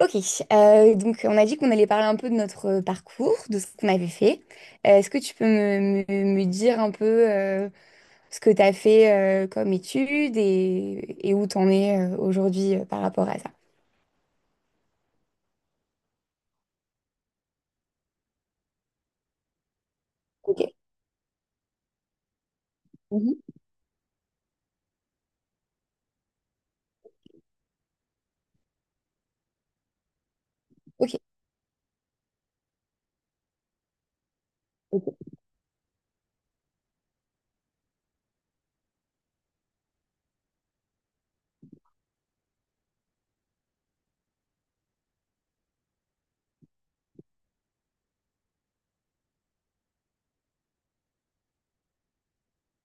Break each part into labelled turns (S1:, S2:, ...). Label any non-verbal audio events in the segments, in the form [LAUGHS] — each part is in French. S1: Ok. Donc on a dit qu'on allait parler un peu de notre parcours, de ce qu'on avait fait. Est-ce que tu peux me dire un peu euh, ce que tu as fait comme études et où tu en es aujourd'hui par rapport à ça? Ok. Mhm. Ok.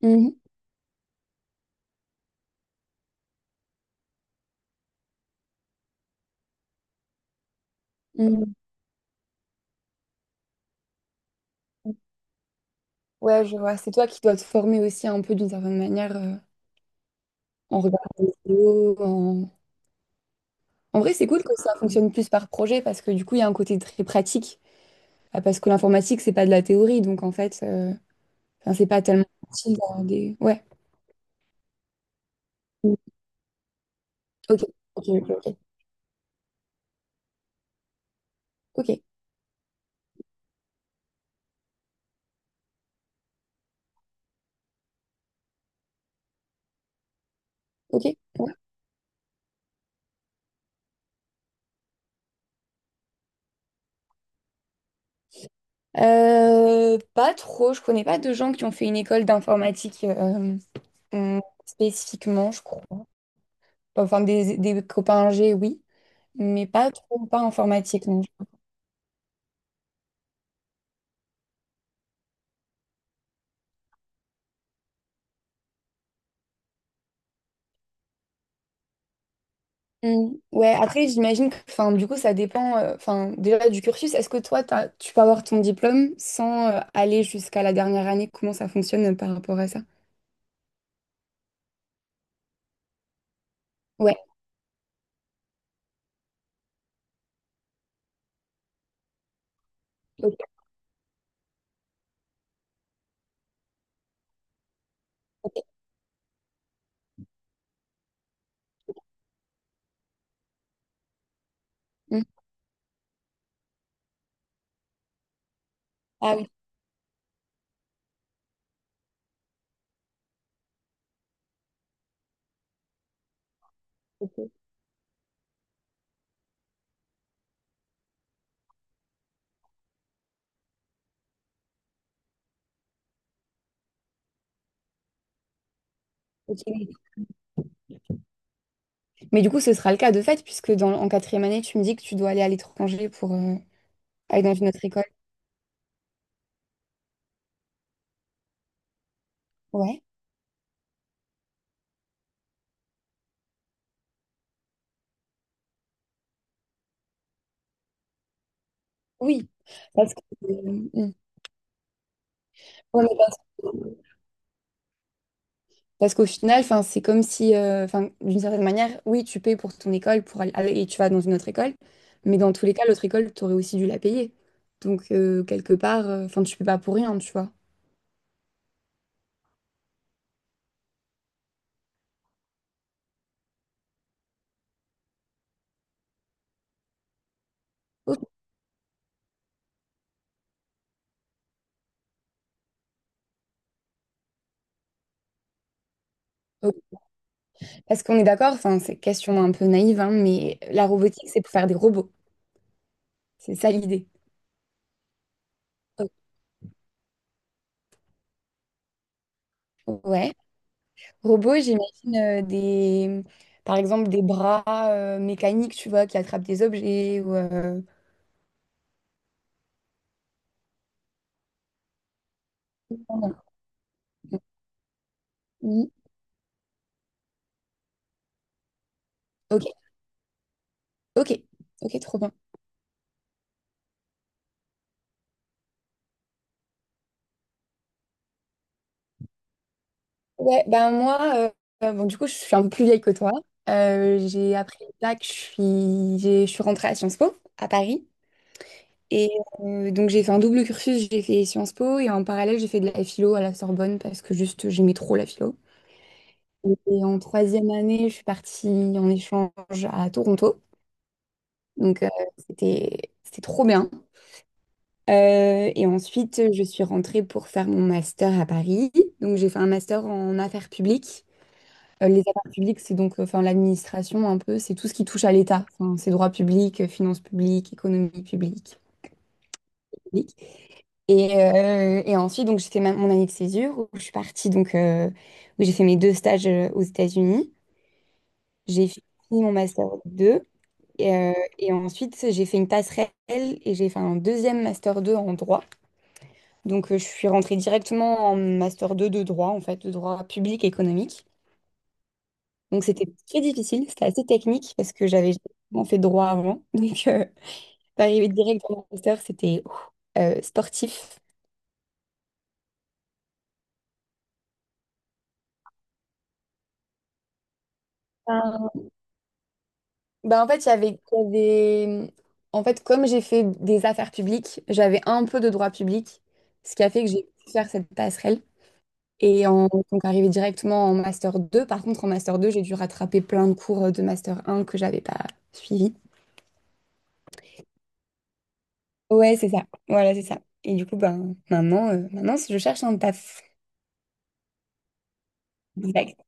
S1: Mhm. Mhm. Ouais, je vois. C'est toi qui dois te former aussi un peu d'une certaine manière en regardant des vidéos. En vrai, c'est cool que ça fonctionne plus par projet parce que du coup, il y a un côté très pratique. Ah, parce que l'informatique, c'est pas de la théorie. Donc en fait, enfin, c'est pas tellement facile d'avoir des... Ouais. Mm. Ok, ok, ok, ok. Ok, ok, ouais. Pas trop. Je connais pas de gens qui ont fait une école d'informatique, euh, spécifiquement, je crois. Enfin, des copains G, oui, mais pas trop, pas informatique, non. Mm. Ouais, après, j'imagine que, enfin, du coup, ça dépend, enfin, déjà du cursus. Est-ce que toi, tu peux avoir ton diplôme sans aller jusqu'à la dernière année? Comment ça fonctionne par rapport à ça? Ouais. Ok, ok. Mm. Ah oui. Ok, oui. Mais du coup, ce sera le cas de fait, puisque en quatrième année, tu me dis que tu dois aller à l'étranger pour aller dans une autre école. Ouais. Oui. Parce que, mm. Ouais, mais parce- Parce qu'au final, enfin, c'est comme si, enfin, d'une certaine manière, oui, tu payes pour ton école pour et tu vas dans une autre école, mais dans tous les cas, l'autre école, tu aurais aussi dû la payer. Donc, quelque part, enfin, tu peux pas pour rien, tu vois. Ok. Ok. Parce qu'on est d'accord, enfin, c'est question un peu naïve, hein, mais la robotique, c'est pour faire des robots. C'est ça l'idée. Ok. Ouais. Robots, j'imagine par exemple, des bras mécaniques, tu vois, qui attrapent des objets ou, mhm. Ok, ok, ok, trop bien. Ouais, ben moi, bon, du coup, je suis un peu plus vieille que toi. J'ai après le bac, je suis rentrée à Sciences Po, à Paris. Et donc, j'ai fait un double cursus, j'ai fait Sciences Po et en parallèle, j'ai fait de la philo à la Sorbonne parce que juste, j'aimais trop la philo. Et en troisième année, je suis partie en échange à Toronto. Donc, c'était, c'était trop bien. Et ensuite, je suis rentrée pour faire mon master à Paris. Donc, j'ai fait un master en affaires publiques. Les affaires publiques, c'est donc enfin, l'administration un peu, c'est tout ce qui touche à l'État. Enfin, c'est droit public, finances publiques, économie publique. Publique. Et ensuite, donc, j'ai fait mon année de césure où je suis partie, donc, où j'ai fait mes deux stages aux États-Unis. J'ai fini mon master 2 et, euh, et ensuite, j'ai fait une passerelle et j'ai fait un deuxième master 2 en droit. Donc, je suis rentrée directement en master 2 de droit, en fait, de droit public économique. Donc c'était très difficile, c'était assez technique parce que j'avais jamais fait droit avant. [LAUGHS] Donc d'arriver direct dans le master, c'était ouf, sportif. Ben, ben, en fait, en fait, comme j'ai fait des affaires publiques, j'avais un peu de droit public, ce qui a fait que j'ai pu faire cette passerelle. Donc arrivé directement en master deux. Par contre, en master 2 j'ai dû rattraper plein de cours de master un que j'avais pas suivis. Ouais, c'est ça. Voilà, c'est ça. Et du coup, ben, maintenant, maintenant, je cherche un taf. Exact.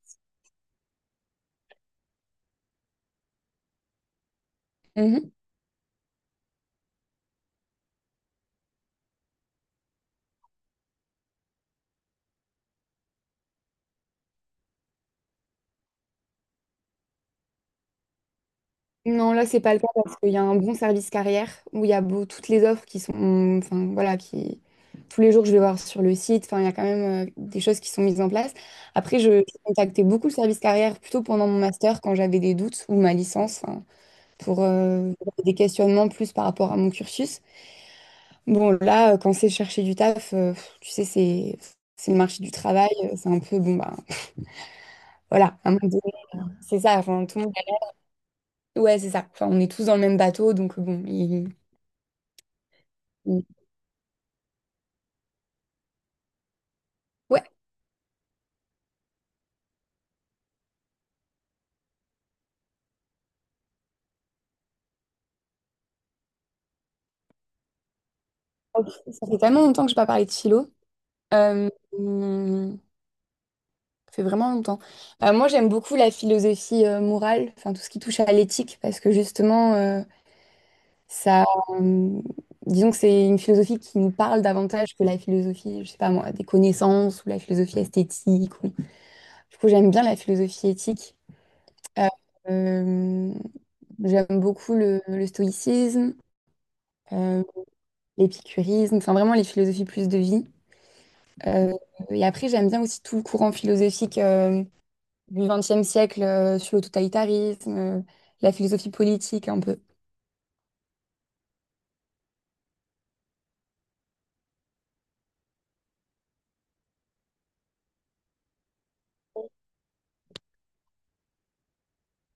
S1: Non, là, c'est pas le cas parce qu'il y a un bon service carrière où il y a toutes les offres enfin voilà, qui tous les jours je vais voir sur le site. Enfin, il y a quand même des choses qui sont mises en place. Après, je contactais beaucoup le service carrière plutôt pendant mon master quand j'avais des doutes ou ma licence hein, pour des questionnements plus par rapport à mon cursus. Bon, là, quand c'est chercher du taf, pff, tu sais, c'est le marché du travail, c'est un peu bon bah voilà, à un moment donné, c'est ça. Enfin, tout le monde, ouais, c'est ça. Enfin, on est tous dans le même bateau, donc bon. Il- Ouais. Ok, ça fait tellement longtemps que je n'ai pas parlé de philo. Euh, hum, ça fait vraiment longtemps. Moi, j'aime beaucoup la philosophie morale, enfin tout ce qui touche à l'éthique, parce que justement, ça, disons que c'est une philosophie qui nous parle davantage que la philosophie, je sais pas moi, des connaissances ou la philosophie esthétique. Du coup, j'aime bien la philosophie éthique. Euh, euh, J'aime beaucoup le stoïcisme, euh, l'épicurisme, enfin vraiment les philosophies plus de vie. Euh, et après, j'aime bien aussi tout le courant philosophique du XXe siècle sur le totalitarisme, la philosophie politique un peu.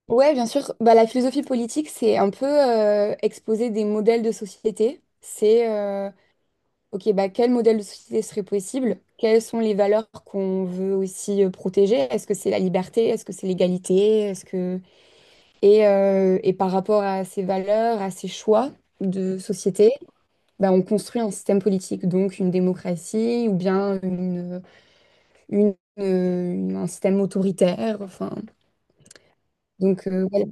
S1: Ouais, bien sûr. Bah, la philosophie politique, c'est un peu exposer des modèles de société. C'est, OK, bah, quel modèle de société serait possible? Quelles sont les valeurs qu'on veut aussi protéger? Est-ce que c'est la liberté? Est-ce que c'est l'égalité? Est-ce que... et par rapport à ces valeurs, à ces choix de société, bah, on construit un système politique, donc une démocratie ou bien un système autoritaire. Enfin, donc, ouais,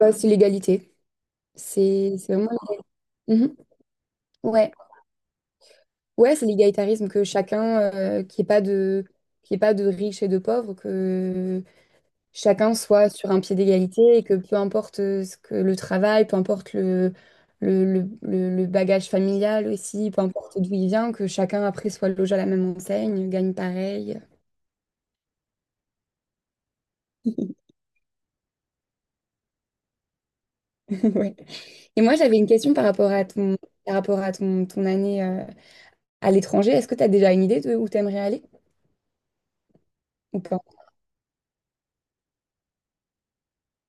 S1: ouais, c'est l'égalité. C'est vraiment. Mhm. Ouais, ouais, c'est l'égalitarisme, que chacun, qu'il n'y ait pas de, qu'il y ait pas de riches et de pauvres, que chacun soit sur un pied d'égalité et que peu importe ce que le travail, peu importe le bagage familial aussi, peu importe d'où il vient, que chacun après soit logé à la même enseigne, gagne pareil. [LAUGHS] [LAUGHS] Ouais. Et moi, j'avais une question par rapport à ton, par rapport à ton, ton année à l'étranger. Est-ce que tu as déjà une idée de où tu aimerais aller ou pas?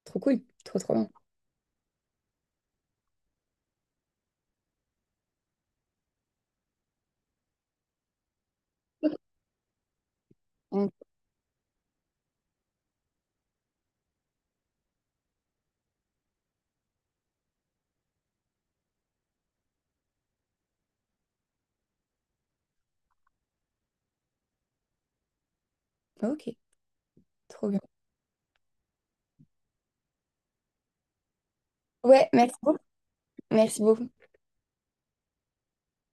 S1: Trop cool, trop trop bien. Mm. Ok, trop bien. Ouais, merci beaucoup. Merci beaucoup.